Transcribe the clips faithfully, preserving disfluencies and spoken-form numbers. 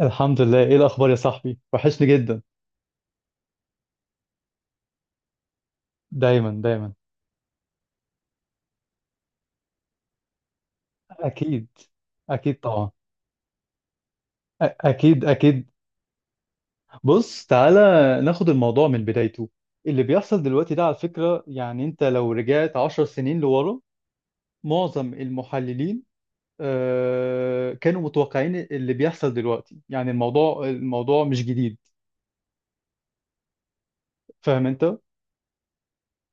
الحمد لله، ايه الاخبار يا صاحبي؟ وحشني جدا. دايما دايما. اكيد اكيد طبعا أ- اكيد اكيد. بص تعالى، ناخد الموضوع من بدايته. اللي بيحصل دلوقتي ده على فكرة، يعني انت لو رجعت عشر سنين لورا، معظم المحللين، آه، كانوا متوقعين اللي بيحصل دلوقتي. يعني الموضوع الموضوع مش جديد. فاهم انت؟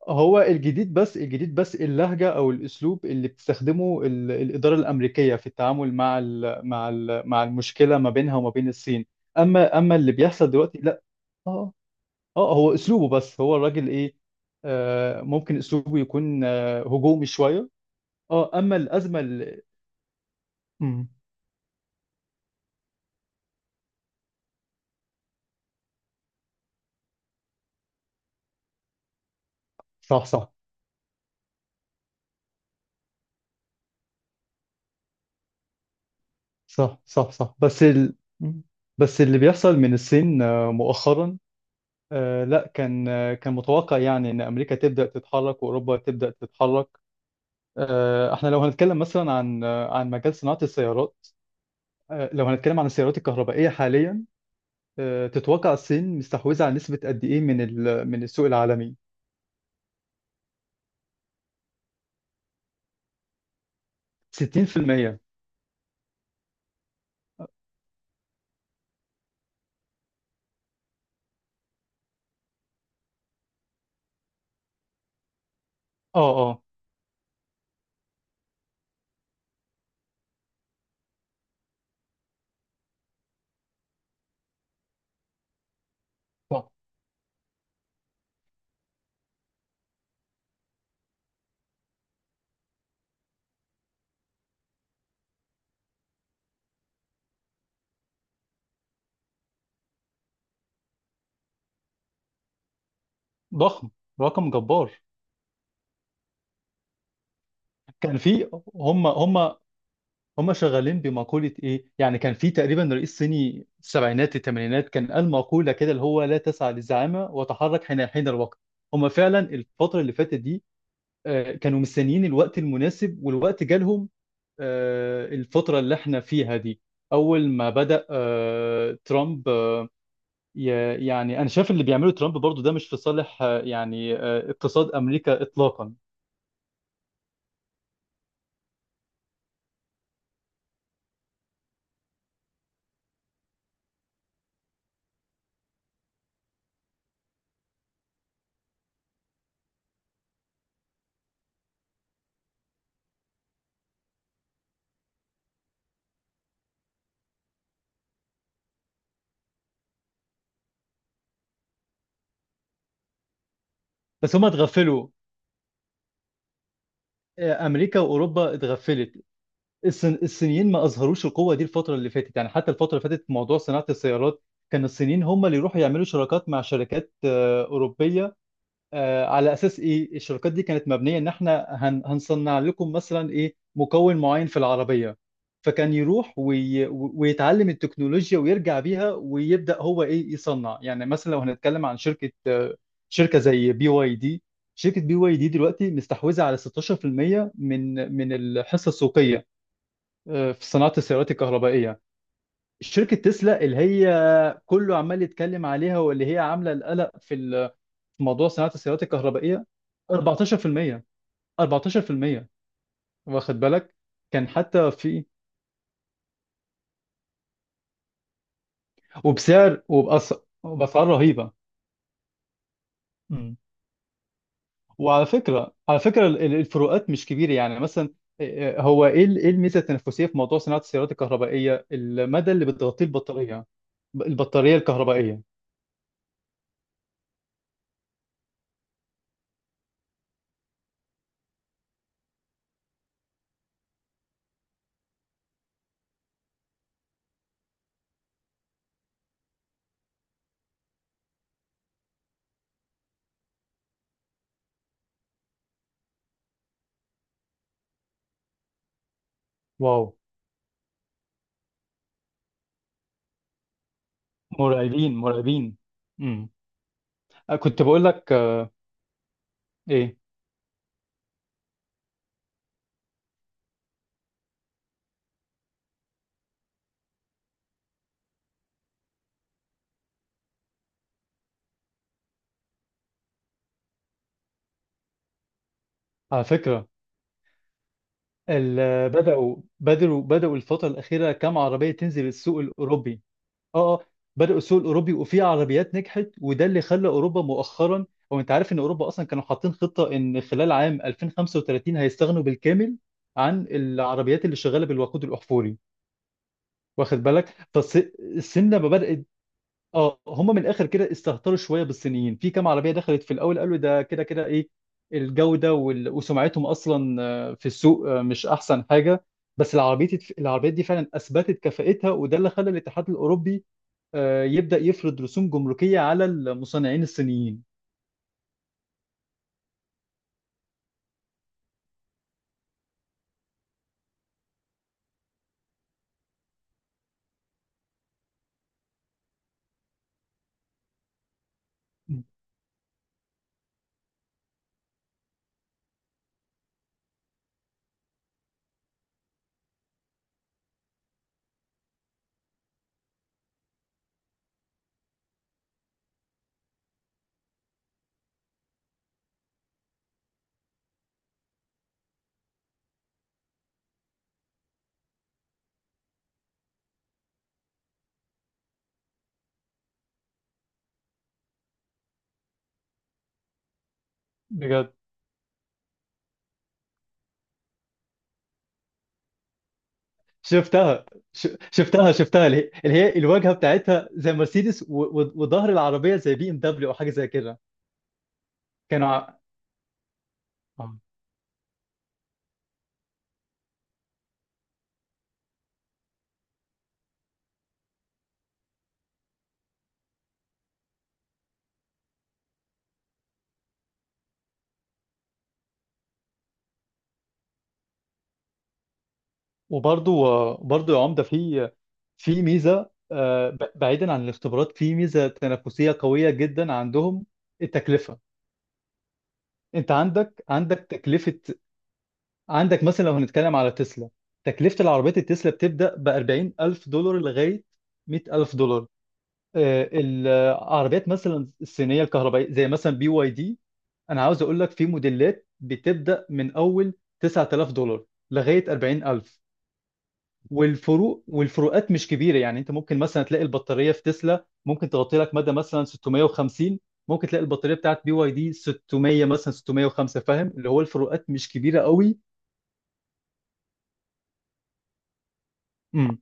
هو الجديد، بس الجديد بس اللهجة أو الأسلوب اللي بتستخدمه ال- الإدارة الأمريكية في التعامل مع ال مع ال مع المشكلة ما بينها وما بين الصين. أما أما اللي بيحصل دلوقتي لا. آه آه، هو أسلوبه، بس هو الراجل إيه. آه ممكن أسلوبه يكون آه هجومي شوية. آه أما الأزمة اللي... مم، صح صح صح. صح صح بس ال مم. بس اللي بيحصل من الصين آه، مؤخرا، آه، لا، كان آه، كان متوقع، يعني ان امريكا تبدا تتحرك واوروبا تبدا تتحرك. آه، احنا لو هنتكلم مثلا عن آه، عن مجال صناعة السيارات، آه، لو هنتكلم عن السيارات الكهربائية حاليا، آه، تتوقع الصين مستحوذة على نسبة قد ايه من ال- من السوق العالمي؟ ستين في المئة. اه اه، ضخم ضخم. رقم جبار. كان في هم هم هم شغالين بمقولة ايه، يعني كان في تقريبا رئيس صيني السبعينات الثمانينات كان قال مقولة كده اللي هو لا تسعى للزعامة وتحرك حين حين الوقت. هم فعلا الفترة اللي فاتت دي، آه، كانوا مستنيين الوقت المناسب والوقت جالهم، آه، الفترة اللي احنا فيها دي. أول ما بدأ آه، ترامب آه، ي- يعني أنا شايف اللي بيعمله ترامب برضو ده مش في صالح آه، يعني آه، اقتصاد أمريكا إطلاقا. بس هما اتغفلوا، آه، أمريكا وأوروبا اتغفلت. الصين الصينيين ما أظهروش القوة دي الفترة اللي فاتت، يعني حتى الفترة اللي فاتت في موضوع صناعة السيارات كان الصينيين هم اللي يروحوا يعملوا شراكات مع شركات آه، أوروبية، آه، على اساس ايه؟ الشركات دي كانت مبنيه ان احنا هن هنصنع لكم مثلا ايه مكون معين في العربيه. فكان يروح وي ويتعلم التكنولوجيا ويرجع بيها ويبدا هو ايه يصنع. يعني مثلا لو هنتكلم عن شركه آه، شركه زي بي واي دي. شركه بي واي دي دلوقتي مستحوذه على ستاشر في المية من من الحصه السوقيه، آه، في صناعه السيارات الكهربائيه. شركه تسلا اللي هي كله عمال يتكلم عليها، واللي هي عامله القلق في موضوع صناعة السيارات الكهربائية، اربعة عشر في المية، اربعتاشر في المية، واخد بالك. كان حتى في وبسعر وبأس- وبأسعار رهيبة. مم. وعلى فكرة، على فكرة ال- ال- الفروقات مش كبيرة، يعني مثلا، إيه- هو ايه ال- إيه الميزة التنافسية في موضوع صناعة السيارات الكهربائية؟ المدى اللي بتغطيه البطارية، ب- البطارية الكهربائية. واو. مرعبين مرعبين. امم كنت بقول لك آه، ايه، على فكرة ال- بدأوا بدأوا بدأوا الفترة الأخيرة كام عربية تنزل السوق الأوروبي؟ اه اه. بدأوا السوق الأوروبي، وفي عربيات نجحت، وده اللي خلى أوروبا مؤخرا. هو أنت عارف إن أوروبا أصلا كانوا حاطين خطة إن خلال عام ألفين وخمسة وتلاتين هيستغنوا بالكامل عن العربيات اللي شغالة بالوقود الأحفوري، واخد بالك؟ فالصين لما بدأت، اه، هم من الاخر كده استهتروا شويه بالصينيين في كام عربيه دخلت في الاول، قالوا ده كده كده ايه، الجوده وال... وسمعتهم اصلا آه، في السوق آه، مش احسن حاجه. بس العربيات العربيات دي فعلا اثبتت كفاءتها، وده اللي خلى الاتحاد الاوروبي آه، يبدا يفرض رسوم جمركيه على المصنعين الصينيين. بجد. شفتها. ش... شفتها شفتها اللي هي اللي هي الواجهه بتاعتها زي مرسيدس، و... و... وظهر العربيه زي بي ام دبليو او حاجه زي كده. كانوا... ع... وبرضو، برضو يا عمده، في في ميزه آه، ب- بعيدا عن الاختبارات، في ميزه تنافسيه قويه جدا عندهم: التكلفه. انت عندك عندك تكلفه، عندك مثلا لو هنتكلم على تسلا، تكلفه العربيات التسلا بتبدا ب أربعين ألف دولار لغايه مية ألف دولار. آه، العربيات مثلا الصينيه الكهربائيه زي مثلا بي واي دي، انا عاوز اقول لك في موديلات بتبدا من اول تسعة آلاف دولار لغايه أربعين ألف. والفروق والفروقات مش كبيره، يعني انت ممكن مثلا تلاقي البطاريه في تسلا ممكن تغطي لك مدى مثلا ستمية وخمسين، ممكن تلاقي البطاريه بتاعت بي واي دي ستمية، مثلا ستمية وخمسة. فاهم اللي هو الفروقات مش كبيره قوي. امم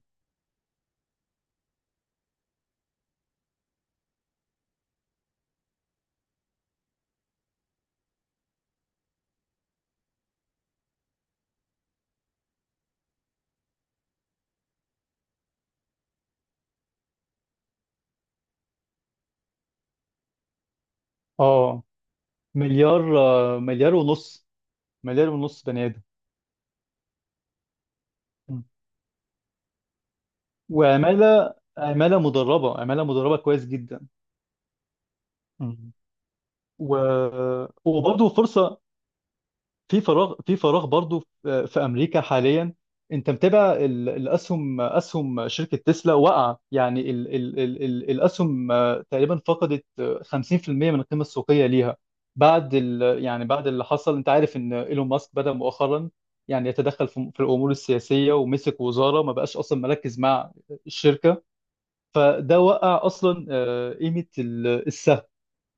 اه، مليار آه، مليار ونص، مليار ونص بني ادم. مم. وعماله عماله مدربه عماله مدربه كويس جدا. مم. و... وبرضه فرصه، في فراغ، في فراغ برضو في في امريكا حاليا. انت متابع ال- الاسهم اسهم شركه تسلا؟ وقع يعني ال ال ال ال الاسهم آه، تقريبا فقدت آه، خمسين في المية من القيمه السوقيه ليها بعد ال يعني بعد اللي حصل. انت عارف ان ايلون ماسك بدأ مؤخرا يعني يتدخل في في الامور السياسيه ومسك وزاره ما بقاش اصلا مركز مع الشركه، فده وقع اصلا آه، قيمه ال- السهم،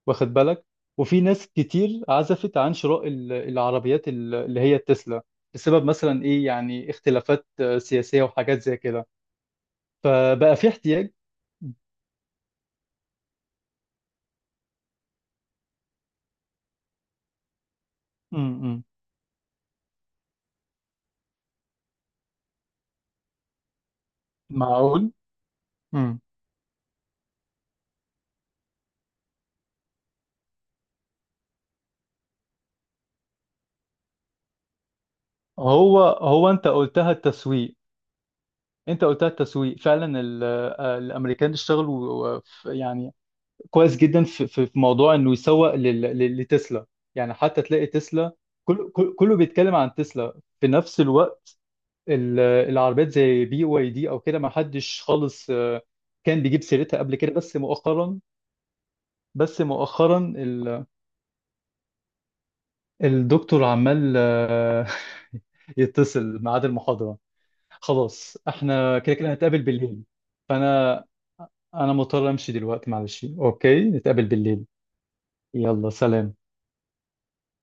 واخد بالك. وفي ناس كتير عزفت عن شراء ال- العربيات ال- اللي هي التسلا، بسبب مثلا ايه يعني اختلافات آه، سياسية وحاجات زي كده. فبقى في احتياج. امم معقول. امم هو هو انت قلتها التسويق. انت قلتها التسويق فعلا، ال- آه، الامريكان اشتغلوا آه، ف- يعني كويس جدا في في في موضوع انه يسوق لل- لل- لتسلا. يعني حتى تلاقي تسلا، كل كل- كله بيتكلم عن تسلا في نفس الوقت. ال- العربيات زي بي واي دي او كده ما حدش خالص آه، كان بيجيب سيرتها قبل كده، بس مؤخرا. بس مؤخرا ال- الدكتور عمال آه، يتصل ميعاد المحاضرة. خلاص احنا كده كده هنتقابل بالليل. فانا انا مضطر امشي دلوقتي، معلش، اوكي، نتقابل بالليل. يلا سلام.